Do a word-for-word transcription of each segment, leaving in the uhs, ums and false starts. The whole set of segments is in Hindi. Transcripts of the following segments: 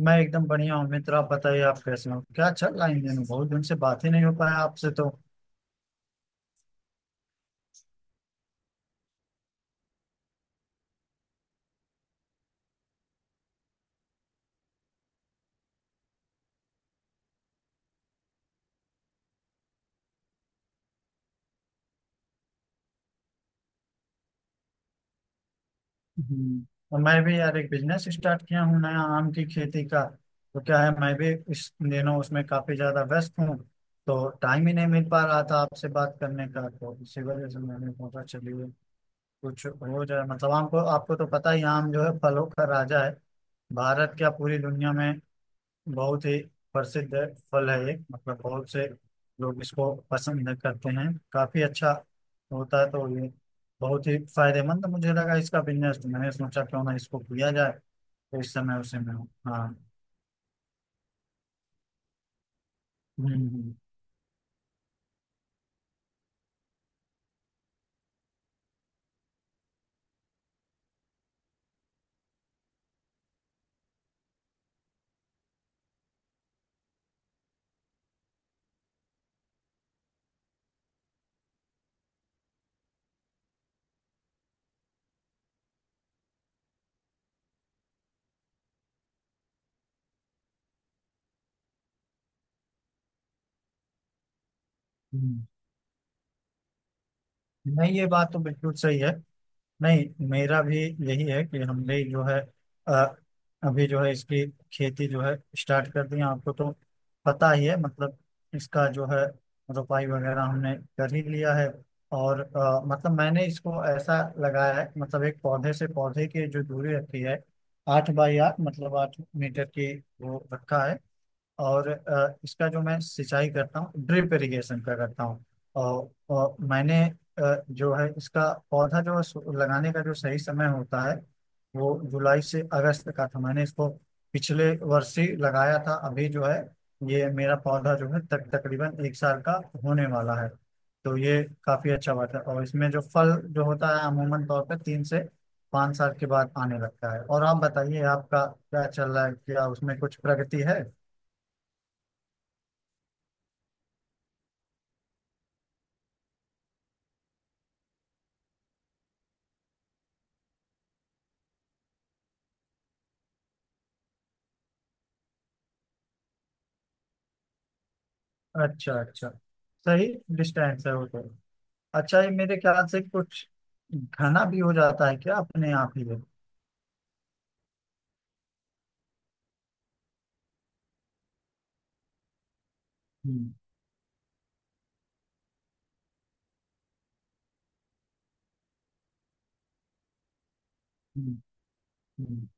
मैं एकदम बढ़िया हूँ मित्र। आप बताइए, आप कैसे हो? क्या चल रहा है इन दिनों? बहुत दिन से बात ही नहीं हो पाया आपसे तो। हम्म। और मैं भी यार एक बिजनेस स्टार्ट किया हूँ नया, आम की खेती का। तो क्या है, मैं भी इस दिनों उसमें काफी ज्यादा व्यस्त हूँ। तो टाइम ही नहीं मिल पा रहा था आपसे बात करने का, तो इसी वजह से मैंने सोचा चलिए कुछ हो जाए। मतलब आपको आपको तो पता ही है, आम जो है फलों का राजा है, भारत क्या पूरी दुनिया में बहुत ही प्रसिद्ध फल है ये। मतलब बहुत से लोग इसको पसंद करते हैं, काफी अच्छा होता है। तो ये बहुत ही फायदेमंद मुझे लगा इसका बिजनेस, तो मैंने सोचा क्यों ना इसको किया जाए। तो इस समय उसे में हूँ। हाँ। हम्म, हम्म। हम्म। नहीं, ये बात तो बिल्कुल सही है। नहीं, मेरा भी यही है कि हमने जो है अ, अभी जो है इसकी खेती जो है स्टार्ट कर दी है। आपको तो पता ही है मतलब इसका जो है रोपाई वगैरह हमने कर ही लिया है। और अ, मतलब मैंने इसको ऐसा लगाया है, मतलब एक पौधे से पौधे की जो दूरी रखी है, आठ बाई आठ, मतलब आठ मीटर की वो रखा है। और अ, इसका जो मैं सिंचाई करता हूँ, ड्रिप इरिगेशन का करता हूँ। और, और मैंने अ, जो है इसका पौधा जो है सु- लगाने का जो सही समय होता है वो जुलाई से अगस्त का था। मैंने इसको पिछले वर्ष ही लगाया था, अभी जो है ये मेरा पौधा जो है तक तकरीबन एक साल का होने वाला है। तो ये काफी अच्छा बात है, और इसमें जो फल जो होता है अमूमन तौर पर तीन से पाँच साल के बाद आने लगता है। और आप बताइए, आपका क्या चल रहा है? क्या उसमें कुछ प्रगति है? अच्छा, अच्छा। सही डिस्टेंस है वो तो। अच्छा, ये मेरे ख्याल से कुछ घना भी हो जाता है क्या, अपने आप ही है? हम्म, हम्म। हम्म।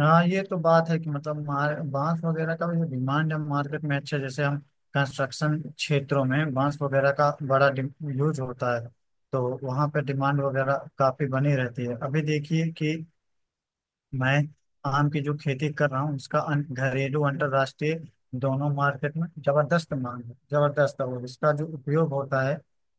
हाँ, ये तो बात है कि मतलब मार, बांस वगैरह का भी जो डिमांड है मार्केट में। अच्छा, जैसे हम कंस्ट्रक्शन क्षेत्रों में बांस वगैरह का बड़ा यूज होता है, तो वहाँ पे डिमांड वगैरह काफी बनी रहती है। अभी देखिए कि मैं आम की जो खेती कर रहा हूँ उसका अं, घरेलू अंतर्राष्ट्रीय दोनों मार्केट में जबरदस्त मांग है, जबरदस्त है। और इसका जो उपयोग होता है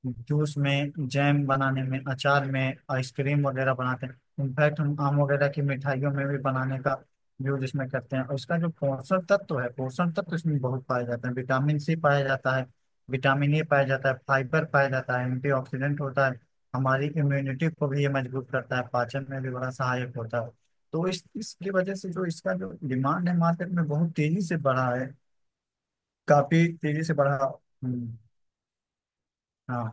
जूस में, जैम बनाने में, अचार में, आइसक्रीम वगैरह बनाते हैं। इनफैक्ट हम आम वगैरह की मिठाइयों में भी बनाने का यूज इसमें करते हैं। और इसका जो पोषण तत्व है, पोषण तत्व इसमें बहुत पाए जाते हैं। विटामिन सी पाया जाता है, विटामिन ए पाया जाता है, फाइबर पाया जाता है, एंटीऑक्सीडेंट होता है। हमारी इम्यूनिटी को भी ये मजबूत करता है, पाचन में भी बड़ा सहायक होता है। तो इस इसकी वजह से जो इसका जो डिमांड है मार्केट में बहुत तेजी से बढ़ा है, काफी तेजी से बढ़ा। हम्म, हाँ,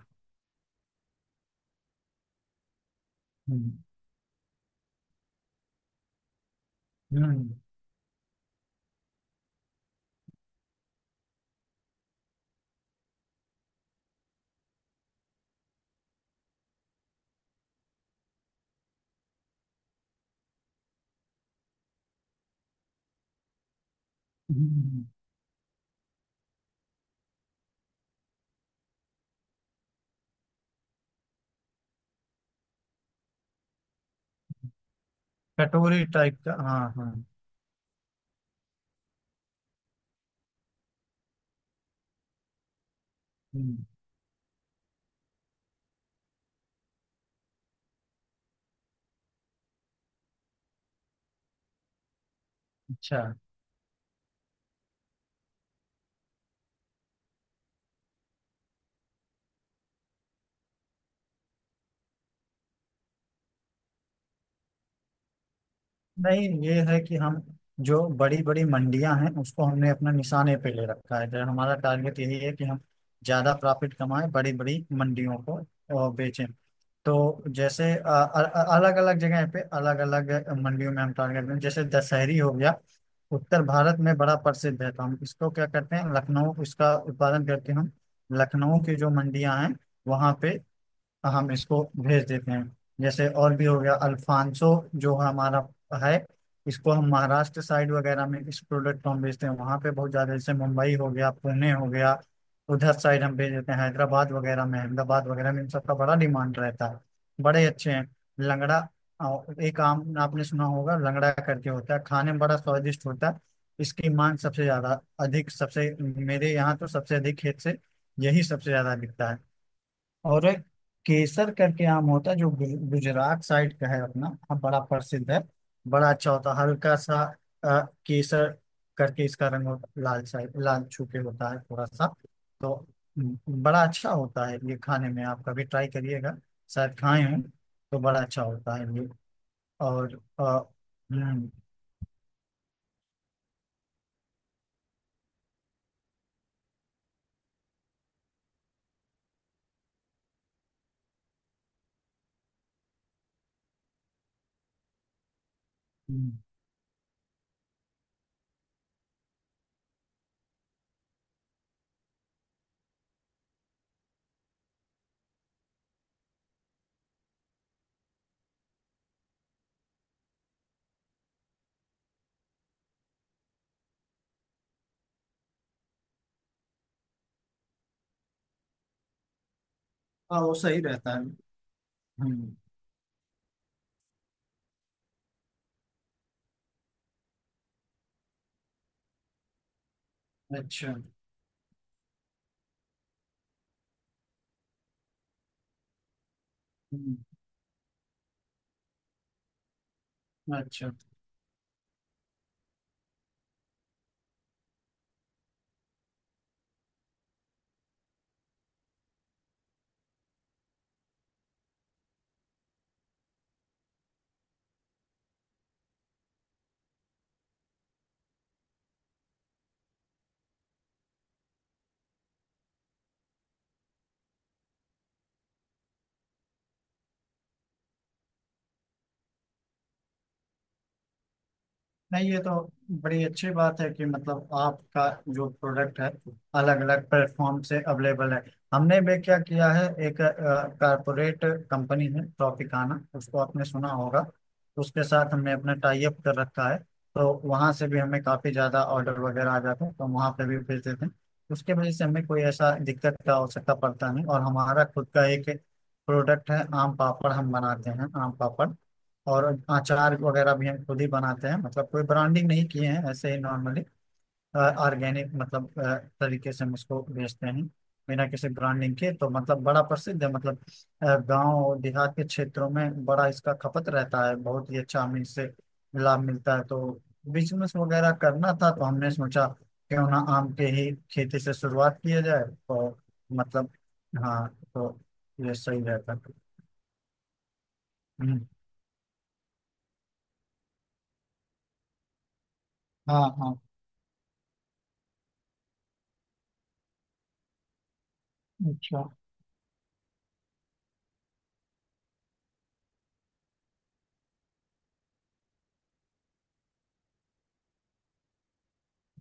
हम्म, हम्म, हम्म। कटोरी टाइप का, हाँ, हाँ। हम्म, अच्छा। नहीं, ये है कि हम जो बड़ी बड़ी मंडियां हैं उसको हमने अपना निशाने पे ले रखा है। जो हमारा टारगेट यही है कि हम ज्यादा प्रॉफिट कमाएं, बड़ी बड़ी मंडियों को और बेचें। तो जैसे अलग अलग जगह पे अलग अलग मंडियों में हम टारगेट दें। जैसे दशहरी हो गया, उत्तर भारत में बड़ा प्रसिद्ध है, तो हम इसको क्या करते हैं, लखनऊ इसका उत्पादन करके हम लखनऊ की जो मंडियां हैं वहां पे, तो हम इसको भेज देते हैं। जैसे और भी हो गया अल्फांसो जो हमारा है, इसको हम महाराष्ट्र साइड वगैरह में इस प्रोडक्ट को हम भेजते हैं, वहाँ पे बहुत ज़्यादा, जैसे मुंबई हो गया, पुणे हो गया, उधर साइड हम भेज देते हैं। हैदराबाद वगैरह में, अहमदाबाद वगैरह में, इन सबका बड़ा डिमांड रहता है, बड़े अच्छे हैं। लंगड़ा, अ, एक आम आपने सुना होगा, लंगड़ा करके होता है, खाने में बड़ा स्वादिष्ट होता है। इसकी मांग सबसे ज़्यादा अधिक सबसे, मेरे यहाँ तो सबसे अधिक खेत से यही सबसे ज़्यादा बिकता है। और एक केसर करके आम होता है जो गु- गुजरात साइड का है अपना, हाँ, बड़ा प्रसिद्ध है। बड़ा अच्छा होता है, हल्का सा अ, केसर करके इसका रंग होता है, लाल साइड, लाल छू के होता है थोड़ा सा। तो हम्म, बड़ा अच्छा होता है ये खाने में, आप कभी ट्राई करिएगा, शायद खाए हैं, तो बड़ा अच्छा होता है ये। और अ, हम्म, हम्म। हाँ, वो सही रहता है। हम्म। अच्छा। हम्म, अच्छा। नहीं, ये तो बड़ी अच्छी बात है कि मतलब आपका जो प्रोडक्ट है अलग अलग प्लेटफॉर्म से अवेलेबल है। हमने भी क्या किया है, एक कारपोरेट कंपनी है ट्रॉपिकाना, उसको आपने सुना होगा। उसके साथ हमने अपना टाई अप कर रखा है, तो वहाँ से भी हमें काफ़ी ज़्यादा ऑर्डर वगैरह आ जाते हैं, तो हम वहाँ पे भी भेज देते हैं। उसके वजह से हमें कोई ऐसा दिक्कत का आवश्यकता पड़ता नहीं। और हमारा खुद का एक प्रोडक्ट है आम पापड़, हम बनाते हैं आम पापड़। और अचार वगैरह भी हम खुद ही बनाते हैं, मतलब कोई ब्रांडिंग नहीं किए हैं, ऐसे ही नॉर्मली ऑर्गेनिक मतलब अ, तरीके से हम उसको बेचते हैं, बिना किसी ब्रांडिंग के। तो मतलब बड़ा प्रसिद्ध है, मतलब गांव देहात के क्षेत्रों में बड़ा इसका खपत रहता है, बहुत ही अच्छा हमें इससे लाभ मिलता है। तो बिजनेस वगैरह करना था तो हमने सोचा क्यों ना आम के ही खेती से शुरुआत किया जाए, तो मतलब, हाँ। तो ये सही रहता है। हम्म, हाँ, हाँ। अच्छा।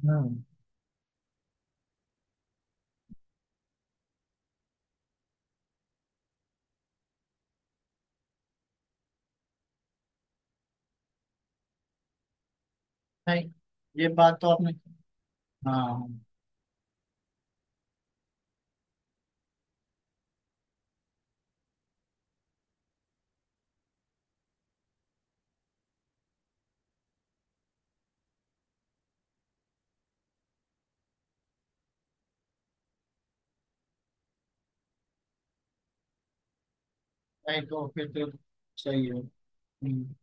हम्म। नहीं, ये बात तो आपने। हाँ। नहीं, तो फिर तो सही है। हम्म,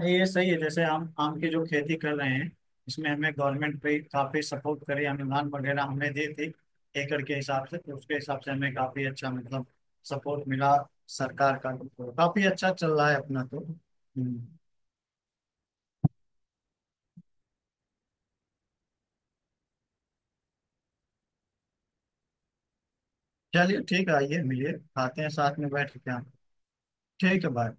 नहीं ये सही है। जैसे हम आम की जो खेती कर रहे हैं, इसमें हमें गवर्नमेंट पे काफी सपोर्ट करे, अनुदान वगैरह हमें दी थी एकड़ के हिसाब से, तो उसके हिसाब से हमें काफी अच्छा मतलब सपोर्ट मिला सरकार का, तो काफी अच्छा चल रहा है अपना तो। हम्म। चलिए ठीक है, आइए मिलिए, खाते हैं साथ में बैठ के, क्या। ठीक है, बाय।